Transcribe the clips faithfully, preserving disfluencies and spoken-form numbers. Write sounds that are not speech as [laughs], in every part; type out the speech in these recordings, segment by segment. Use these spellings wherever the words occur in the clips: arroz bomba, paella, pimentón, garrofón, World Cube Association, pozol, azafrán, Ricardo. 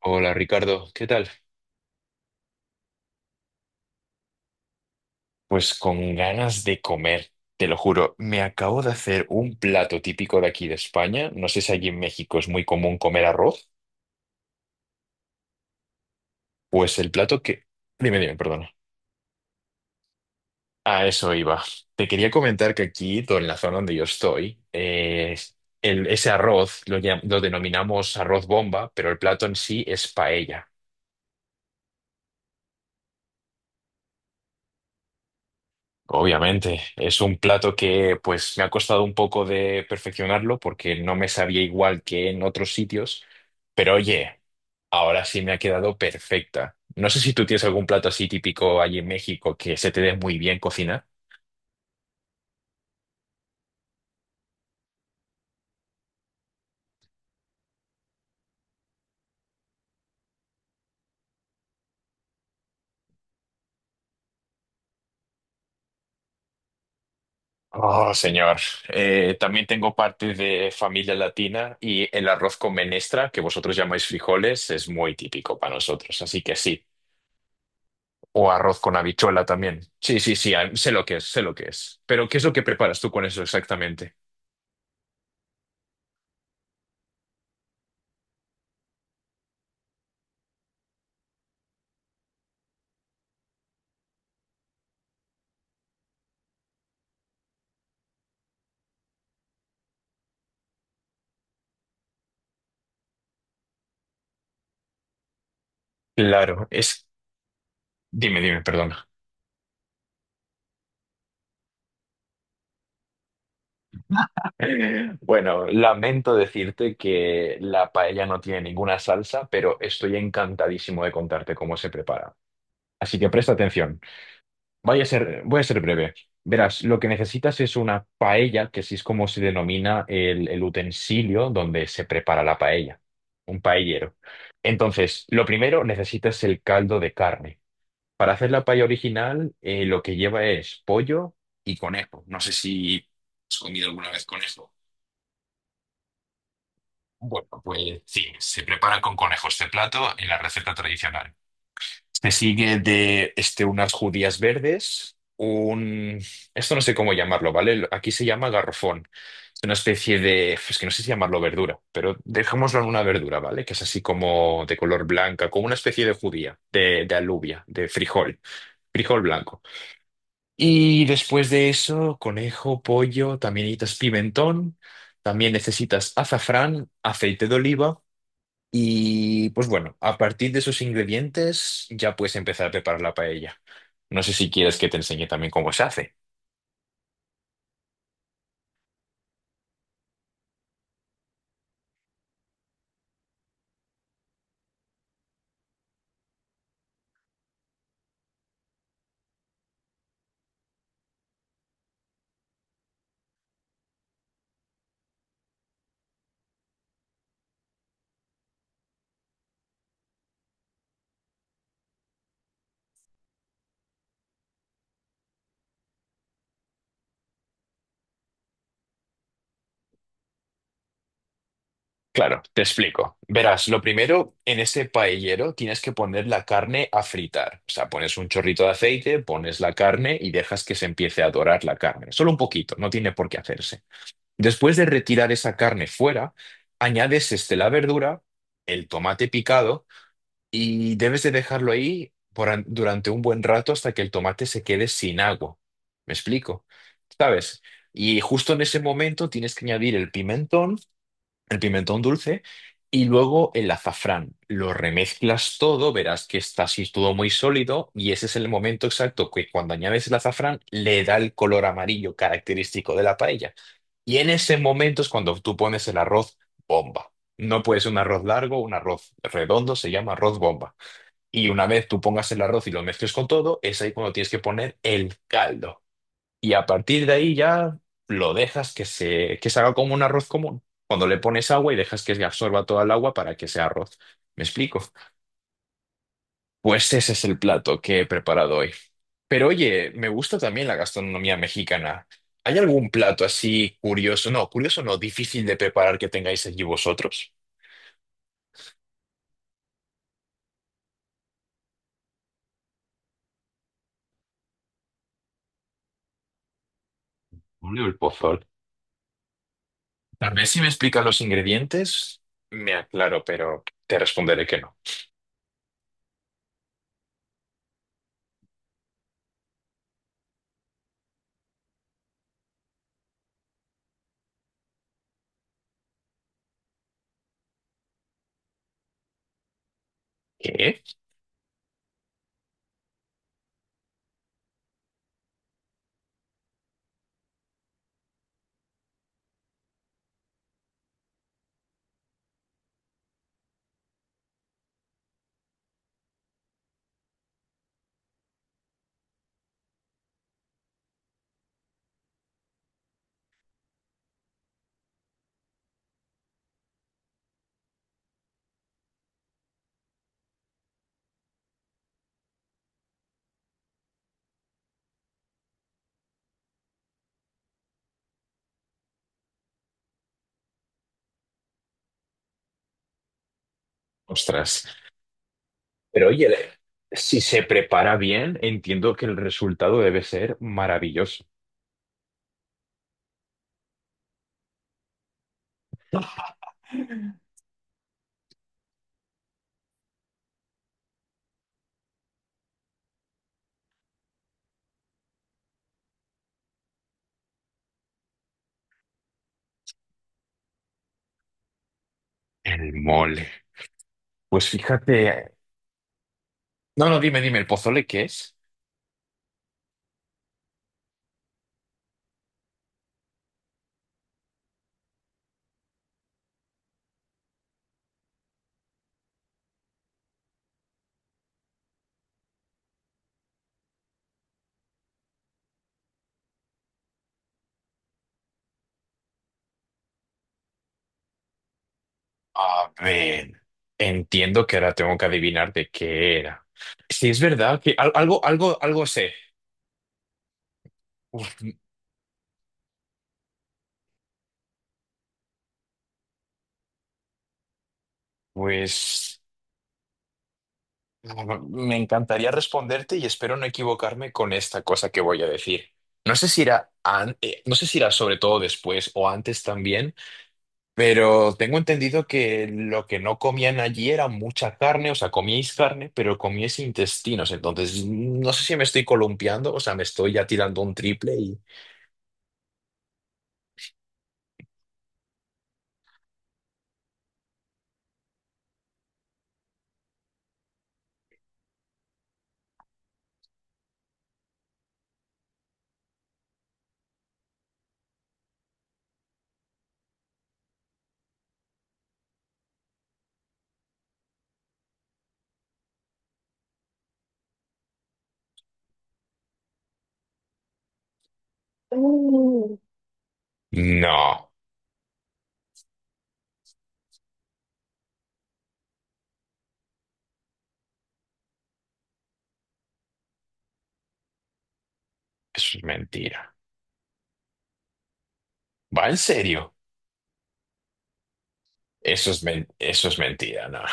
Hola Ricardo, ¿qué tal? Pues con ganas de comer, te lo juro. Me acabo de hacer un plato típico de aquí de España. No sé si allí en México es muy común comer arroz. Pues el plato que... Dime, dime, perdona. A eso iba. Te quería comentar que aquí, do- en la zona donde yo estoy, eh, el- ese arroz lo, llam- lo denominamos arroz bomba, pero el plato en sí es paella. Obviamente, es un plato que pues me ha costado un poco de perfeccionarlo porque no me sabía igual que en otros sitios, pero oye, ahora sí me ha quedado perfecta. No sé si tú tienes algún plato así típico allí en México que se te dé muy bien cocinar. Oh, señor. Eh, también tengo parte de familia latina y el arroz con menestra, que vosotros llamáis frijoles, es muy típico para nosotros, así que sí. O arroz con habichuela también. Sí, sí, sí, ah, sé lo que es, sé lo que es. Pero, ¿qué es lo que preparas tú con eso exactamente? Claro, es... Dime, dime, perdona. [laughs] Bueno, lamento decirte que la paella no tiene ninguna salsa, pero estoy encantadísimo de contarte cómo se prepara. Así que presta atención. Voy a ser, voy a ser breve. Verás, lo que necesitas es una paella, que así es como se denomina el, el utensilio donde se prepara la paella, un paellero. Entonces, lo primero necesitas el caldo de carne. Para hacer la paella original, eh, lo que lleva es pollo y conejo. No sé si has comido alguna vez conejo. Bueno, pues sí, se prepara con conejos de plato en la receta tradicional. Me sigue de este, unas judías verdes, un... Esto no sé cómo llamarlo, ¿vale? Aquí se llama garrofón. Es una especie de... Es que no sé si llamarlo verdura, pero dejémoslo en una verdura, ¿vale? Que es así como de color blanca, como una especie de judía, de, de alubia, de frijol, frijol blanco. Y después de eso, conejo, pollo, también necesitas pimentón, también necesitas azafrán, aceite de oliva. Y pues bueno, a partir de esos ingredientes ya puedes empezar a preparar la paella. No sé si quieres que te enseñe también cómo se hace. Claro, te explico. Verás, lo primero, en ese paellero tienes que poner la carne a fritar. O sea, pones un chorrito de aceite, pones la carne y dejas que se empiece a dorar la carne. Solo un poquito, no tiene por qué hacerse. Después de retirar esa carne fuera, añades este, la verdura, el tomate picado y debes de dejarlo ahí por an- durante un buen rato hasta que el tomate se quede sin agua. ¿Me explico? ¿Sabes? Y justo en ese momento tienes que añadir el pimentón, el pimentón dulce y luego el azafrán. Lo remezclas todo, verás que está así todo muy sólido y ese es el momento exacto que cuando añades el azafrán le da el color amarillo característico de la paella. Y en ese momento es cuando tú pones el arroz bomba. No puede ser un arroz largo, un arroz redondo, se llama arroz bomba. Y una vez tú pongas el arroz y lo mezcles con todo, es ahí cuando tienes que poner el caldo. Y a partir de ahí ya lo dejas que se, que se haga como un arroz común. Cuando le pones agua y dejas que absorba toda el agua para que sea arroz. ¿Me explico? Pues ese es el plato que he preparado hoy. Pero oye, me gusta también la gastronomía mexicana. ¿Hay algún plato así curioso? No, curioso no, difícil de preparar que tengáis allí vosotros. Hombre, el pozol. Tal vez si me explicas los ingredientes, me aclaro, pero te responderé que no. ¿Qué? Ostras. Pero oye, le- si se prepara bien, entiendo que el resultado debe ser maravilloso. El mole. Pues fíjate. No, no, dime, dime, ¿el pozole qué es? A ver, entiendo que ahora tengo que adivinar de qué era. Si es verdad que al- algo, algo, algo sé. Uf, pues me encantaría responderte y espero no equivocarme con esta cosa que voy a decir. No sé si irá, an- eh, no sé si irá sobre todo después o antes también. Pero tengo entendido que lo que no comían allí era mucha carne, o sea, comíais carne, pero comíais intestinos. Entonces, no sé si me estoy columpiando, o sea, me estoy ya tirando un triple y... No, eso es mentira. ¿Va en serio? Eso es men- eso es mentira, no. [laughs]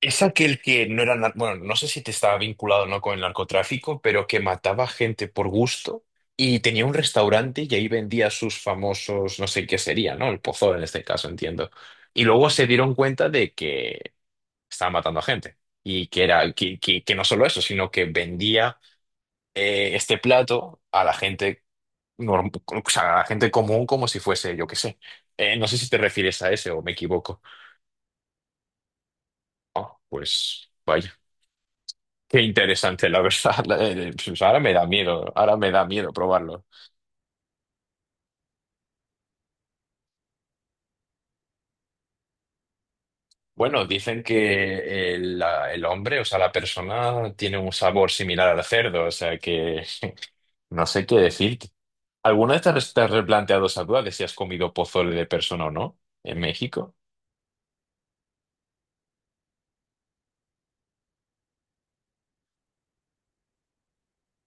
Es aquel que no era, nar- bueno, no sé si te estaba vinculado o no con el narcotráfico, pero que mataba gente por gusto y tenía un restaurante y ahí vendía sus famosos, no sé qué sería, ¿no? El pozol en este caso, entiendo. Y luego se dieron cuenta de que estaba matando a gente y que era, que, que- que no solo eso, sino que vendía eh, este plato a la gente norm- o sea, a la gente común como si fuese, yo qué sé. Eh, no sé si te refieres a ese o me equivoco. Ah, pues. Qué interesante, la verdad. [laughs] Pues ahora me da miedo, ahora me da miedo probarlo. Bueno, dicen que el, la- el hombre, o sea, la persona tiene un sabor similar al cerdo, o sea que [laughs] no sé qué decirte. ¿Alguna vez te has te has replanteado esa duda de si has comido pozole de persona o no en México?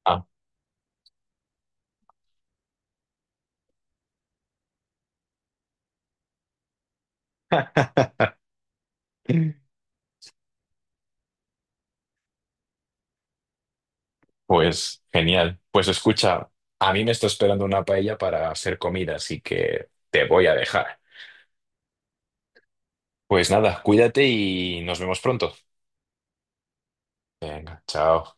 Ah, pues genial. Pues escucha, a mí me está esperando una paella para hacer comida, así que te voy a dejar. Pues nada, cuídate y nos vemos pronto. Venga, chao.